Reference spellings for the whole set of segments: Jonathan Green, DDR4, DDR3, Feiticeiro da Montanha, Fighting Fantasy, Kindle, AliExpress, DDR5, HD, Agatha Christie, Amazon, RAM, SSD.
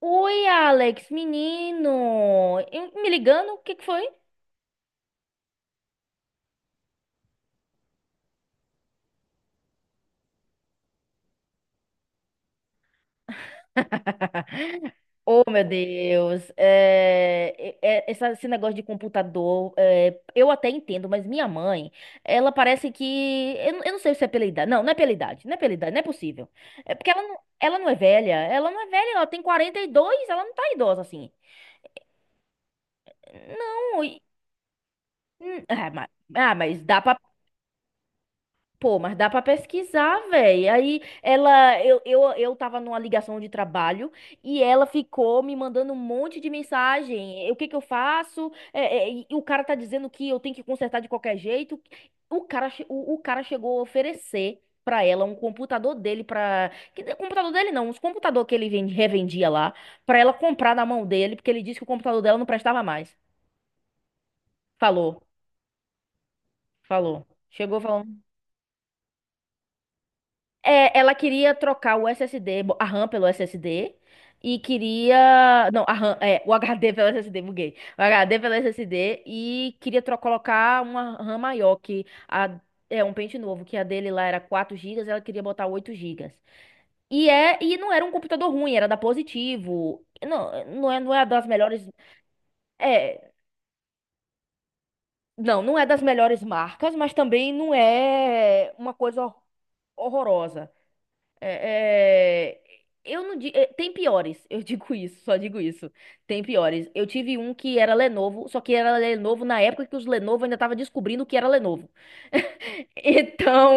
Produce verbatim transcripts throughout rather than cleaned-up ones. Oi, Alex, menino! E- Me ligando? O que que foi? Oh, meu Deus! É, é- é- essa- esse negócio de computador, é, eu até entendo, mas minha mãe, ela parece que. Eu, não eu não sei se é pela idade. Não, não é pela idade. Não é pela idade, não é possível. É porque ela não, ela não é velha. Ela não é velha, ela tem quarenta e dois. Ela não tá idosa assim. Não, e- hum, ah, mas, ah, mas dá pra. Pô, mas dá pra pesquisar, velho. Aí ela, eu, eu, eu tava numa ligação de trabalho e ela ficou me mandando um monte de mensagem. O que que eu faço? É, é, e o cara tá dizendo que eu tenho que consertar de qualquer jeito. O cara, che- o, o cara chegou a oferecer pra ela um computador dele para, computador dele não, uns computador que ele vende- revendia lá, pra ela comprar na mão dele, porque ele disse que o computador dela não prestava mais. Falou, falou. Chegou falando. É, ela queria trocar o S S D, bo- a RAM pelo SSD e queria, não, a RAM, é, o HD pelo SSD, buguei. O HD pelo SSD e queria tro colocar uma RAM maior que a. É um pente novo, que a dele lá era quatro gigas. Ela queria botar oito gigas. E é e não era um computador ruim, era da Positivo. Não, não é, não é das melhores, é, não, não é das melhores marcas, mas também não é uma coisa horrorosa. É, é, eu não di- é, tem piores, eu digo isso, só digo isso. Tem piores. Eu tive um que era Lenovo, só que era Lenovo na época que os Lenovo ainda tava descobrindo o que era Lenovo. Então,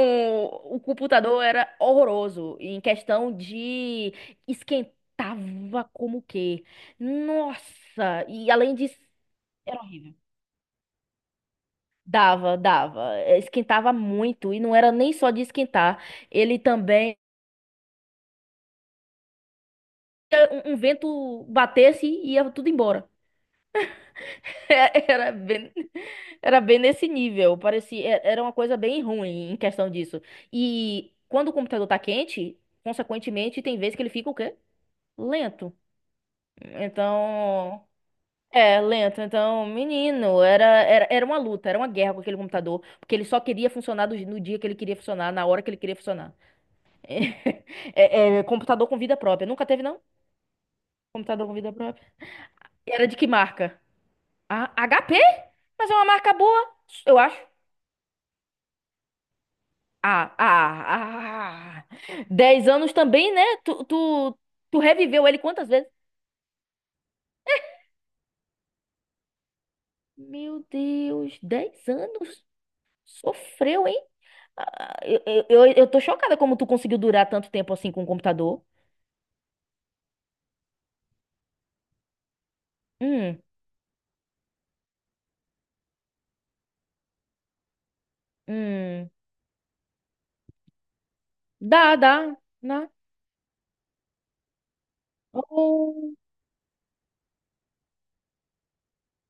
o computador era horroroso em questão de, esquentava como que. Nossa, e além disso, era horrível. Dava, dava. Eh, Esquentava muito e não era nem só de esquentar, ele também um, um vento batesse e ia tudo embora. Era bem, era bem nesse nível. Parecia, é- era uma coisa bem ruim em questão disso. E quando o computador tá quente, consequentemente, tem vezes que ele fica o quê? Lento. Então. É, lento. Então, menino, era, era, era uma luta, era uma guerra com aquele computador, porque ele só queria funcionar do- no dia que ele queria funcionar, na hora que ele queria funcionar. É, é, computador com vida própria. Nunca teve, não? Computador com vida própria. Era de que marca? Ah, H P? Mas é uma marca boa, eu acho. Ah, ah, ah. Dez anos também, né? Tu, tu, tu reviveu ele quantas vezes? Meu Deus, dez anos? Sofreu, hein? Ah, eu, eu, eu eu tô chocada como tu conseguiu durar tanto tempo assim com o computador. Hum, hum. Dá, dá, dá. Oh,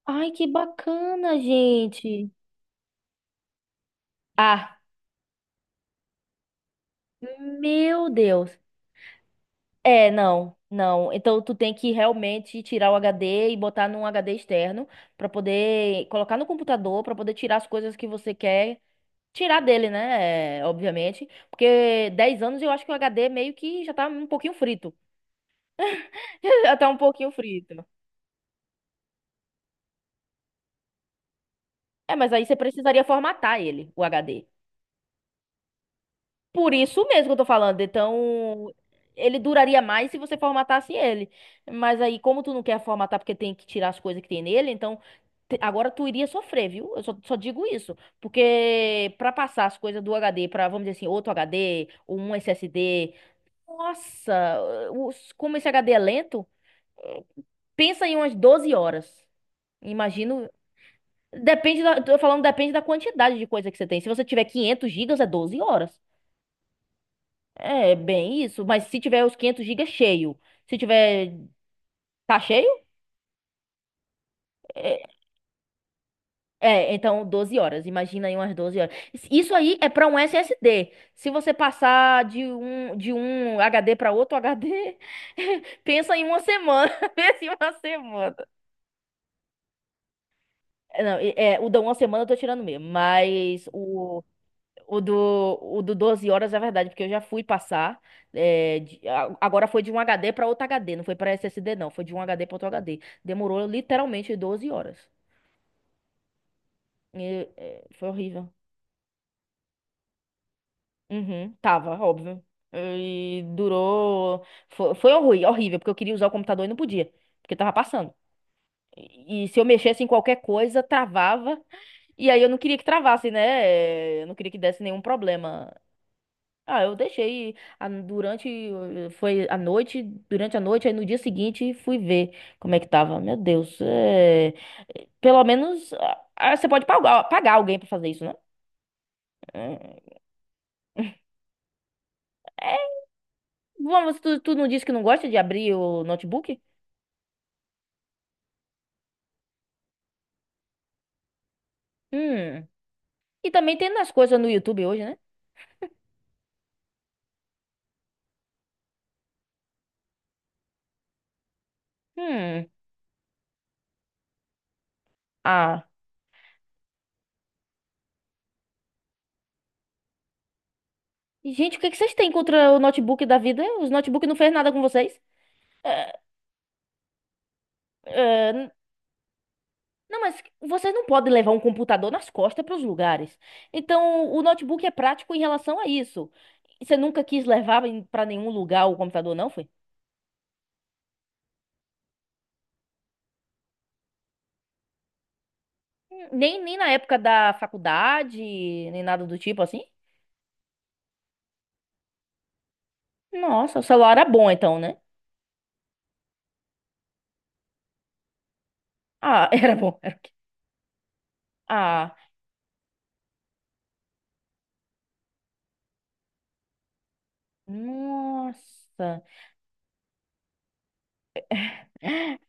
ai, que bacana, gente. Ah, meu Deus. É, não, não. Então tu tem que realmente tirar o H D e botar num H D externo pra poder colocar no computador pra poder tirar as coisas que você quer tirar dele, né? É, obviamente, porque dez anos eu acho que o H D meio que já tá um pouquinho frito. Já tá um pouquinho frito. É, mas aí você precisaria formatar ele, o H D. Por isso mesmo que eu tô falando. Então, ele duraria mais se você formatasse ele. Mas aí, como tu não quer formatar porque tem que tirar as coisas que tem nele, então. Te- Agora tu iria sofrer, viu? Eu só, só digo isso. Porque pra passar as coisas do H D pra, vamos dizer assim, outro H D, ou um S S D. Nossa, os- como esse H D é lento, pensa em umas doze horas. Imagino. Depende da, tô falando, depende da quantidade de coisa que você tem. Se você tiver quinhentos gigas, é doze horas. É bem isso. Mas se tiver os quinhentos gigas é cheio, se tiver. Tá cheio? é É, então doze horas. Imagina aí umas doze horas. Isso isso aí é para um S S D. Se você passar de um, de um H D para outro H D, pensa em uma semana. Pensa em uma semana. É, Não, e- é, o da uma semana eu tô tirando mesmo, mas o, o, do, o do doze horas é verdade, porque eu já fui passar. é, de- a- agora foi de um H D para outro H D, não foi para S S D, não. Foi de um H D para outro H D. Demorou literalmente doze horas. E, é, foi horrível. Uhum, tava, óbvio. E durou. Foi, foi horri- horrível, porque eu queria usar o computador e não podia, porque tava passando. E, e se eu mexesse em qualquer coisa, travava. E aí eu não queria que travasse, né? Eh, Eu não queria que desse nenhum problema. Ah, eu deixei a- durante. eh, Foi à noite, durante a noite, aí no dia seguinte fui ver como é que tava. Meu Deus, é, pelo menos ah, ah, você pode pagar, pagar alguém pra fazer isso, né? Eh, Bom, você, tu, tu não disse que não gosta de abrir o notebook? Hum. E também tem nas coisas no YouTube hoje, né? Hum. Ah. E, Gente, o que que vocês têm contra o notebook da vida? Os notebooks não fez nada com vocês? É, é, n- não, mas vocês não podem levar um computador nas costas para os lugares. Então, o notebook é prático em relação a isso. Você nunca quis levar para nenhum lugar o computador, não foi? Hum, Nem, nem na época da faculdade, nem nada do tipo assim? Nossa, o celular era bom então, né? Ah, era bom. Ah, nossa.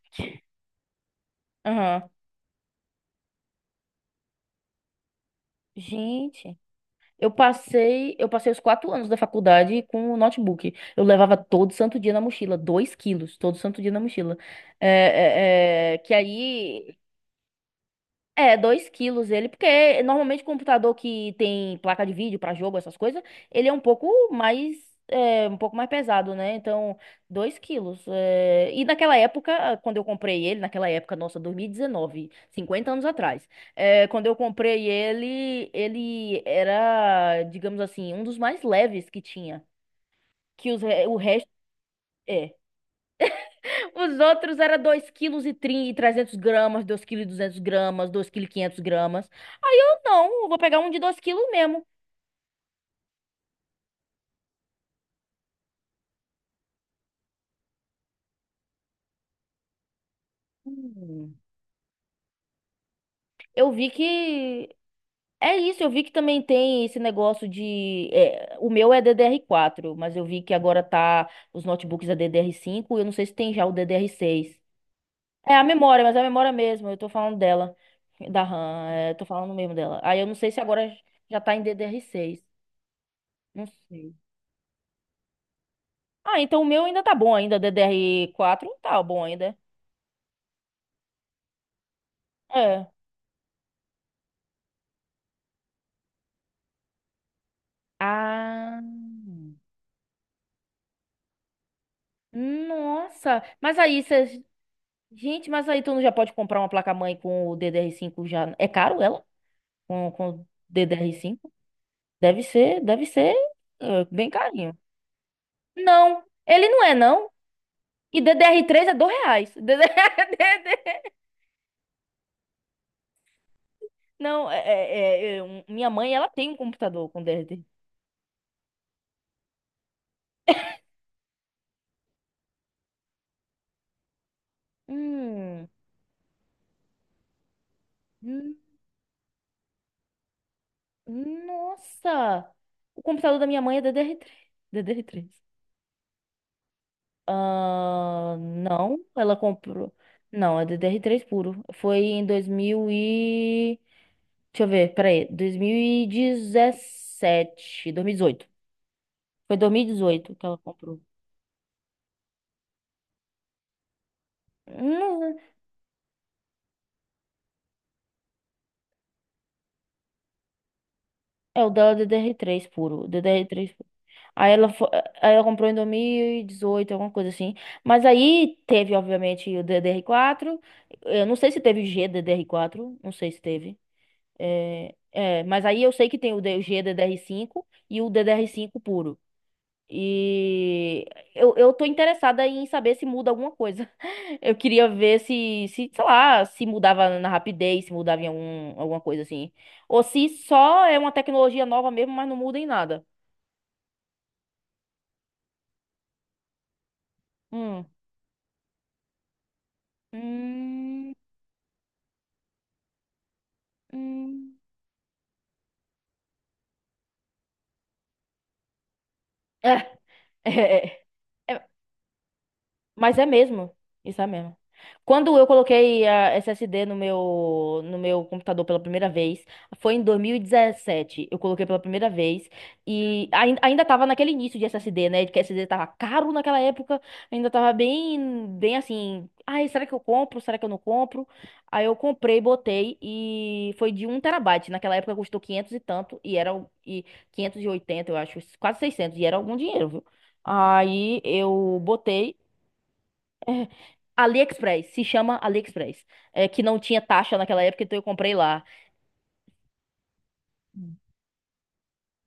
Aham. Gente, eu passei, eu passei os quatro anos da faculdade com o notebook. Eu levava todo santo dia na mochila, dois quilos, todo santo dia na mochila. É, é, é, que aí. É, dois quilos ele, porque normalmente computador que tem placa de vídeo pra jogo, essas coisas, ele é um pouco mais, é, um pouco mais pesado, né? Então, dois quilos. é, E naquela época, quando eu comprei ele, naquela época, nossa, dois mil e dezenove, cinquenta anos atrás, é, quando eu comprei ele, ele era, digamos assim, um dos mais leves que tinha, que os, re- o resto. É os outros eram dois quilos e trezentos gramas, dois e duzentos duzentos gramas, dois e quinhentos quinhentos gramas. Aí eu não, eu vou pegar um de dois quilos mesmo. Hum. Eu vi que. É isso, eu vi que também tem esse negócio de. É, o meu é ddr quatro, mas eu vi que agora tá. Os notebooks é ddr cinco. Eu não sei se tem já o ddr seis. É a memória, mas é a memória mesmo, eu tô falando dela, da RAM, é, tô falando mesmo dela. Aí eu não sei se agora já tá em ddr seis. Não sei. Ah, então o meu ainda tá bom ainda, ddr quatro, tá bom ainda. É. Ah. Nossa, mas aí você. Gente, mas aí tu não já pode comprar uma placa-mãe com o ddr cinco já. É caro ela? Com, com ddr cinco? Deve ser, deve ser eh, bem carinho. Não, ele não é, não. E ddr três é dois reais. D D R. Não, é, é- é- é, um- minha mãe, ela tem um computador com D D R três. Hum. Nossa! O computador da minha mãe é D D R três. Ddr três, D D R três. Ah, não, ela comprou. Não, é ddr três puro. Foi em dois mil e. Deixa eu ver, peraí. Dois mil e dois mil e dezoito. Foi dois mil e dezoito que ela comprou. Não, é o dela é ddr três puro. Ddr três. Aí ela, fo- aí ela comprou em dois mil e dezoito alguma coisa assim. Mas aí teve, obviamente, o ddr quatro. Eu não sei se teve o gddr quatro. Não sei se teve. É, é, mas aí eu sei que tem o D- o G D D R cinco e o ddr cinco puro. E eu, eu tô interessada em saber se muda alguma coisa. Eu queria ver se, se, sei lá, se mudava na rapidez, se mudava em algum, alguma coisa assim. Ou se só é uma tecnologia nova mesmo, mas não muda em nada. Hum. Hum. Hum. É, é, é. É. Mas é mesmo. Isso é mesmo. Quando eu coloquei a S S D no meu, no meu computador pela primeira vez, foi em dois mil e dezessete. Eu coloquei pela primeira vez e ainda, ainda tava naquele início de S S D, né? Que S S D tava caro naquela época, ainda tava bem, bem assim. Ai, será que eu compro? Será que eu não compro? Aí eu comprei, botei e foi de um terabyte. Naquela época custou quinhentos e tanto e era o- e quinhentos e oitenta eu acho, quase seiscentos e era algum dinheiro, viu? Aí eu botei. AliExpress, se chama AliExpress. É, que não tinha taxa naquela época, então eu comprei lá.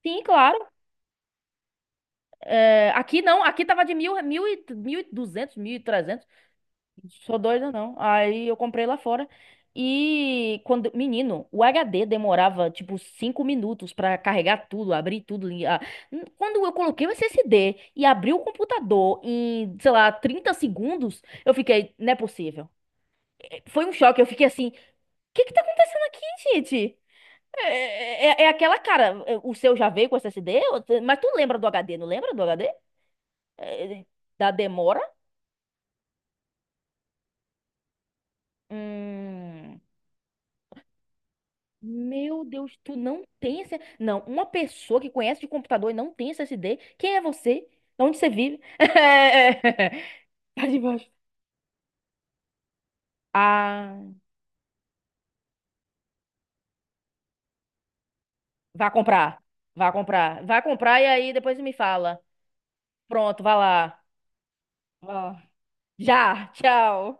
Sim, claro. É, aqui não, aqui tava de mil, mil e, mil e duzentos, mil e trezentos. Sou doida, não. Aí eu comprei lá fora. E quando, menino, o H D demorava tipo cinco minutos pra carregar tudo, abrir tudo. li- ah, n- Quando eu coloquei o S S D e abri o computador em, sei lá, trinta segundos, eu fiquei, não é possível. É, Foi um choque, eu fiquei assim, o que que tá acontecendo aqui, gente? É, é, é aquela cara, o seu já veio com S S D? Ou tu- Mas tu lembra do H D, não lembra do H D? É, da demora? Hum, meu Deus, tu não tem esse. Não, uma pessoa que conhece de computador e não tem S S D, quem é você? Onde você vive? Tá debaixo. Ah, vá comprar. Vá comprar. Vá comprar e aí depois me fala. Pronto, vá lá. Vá. Já, tchau.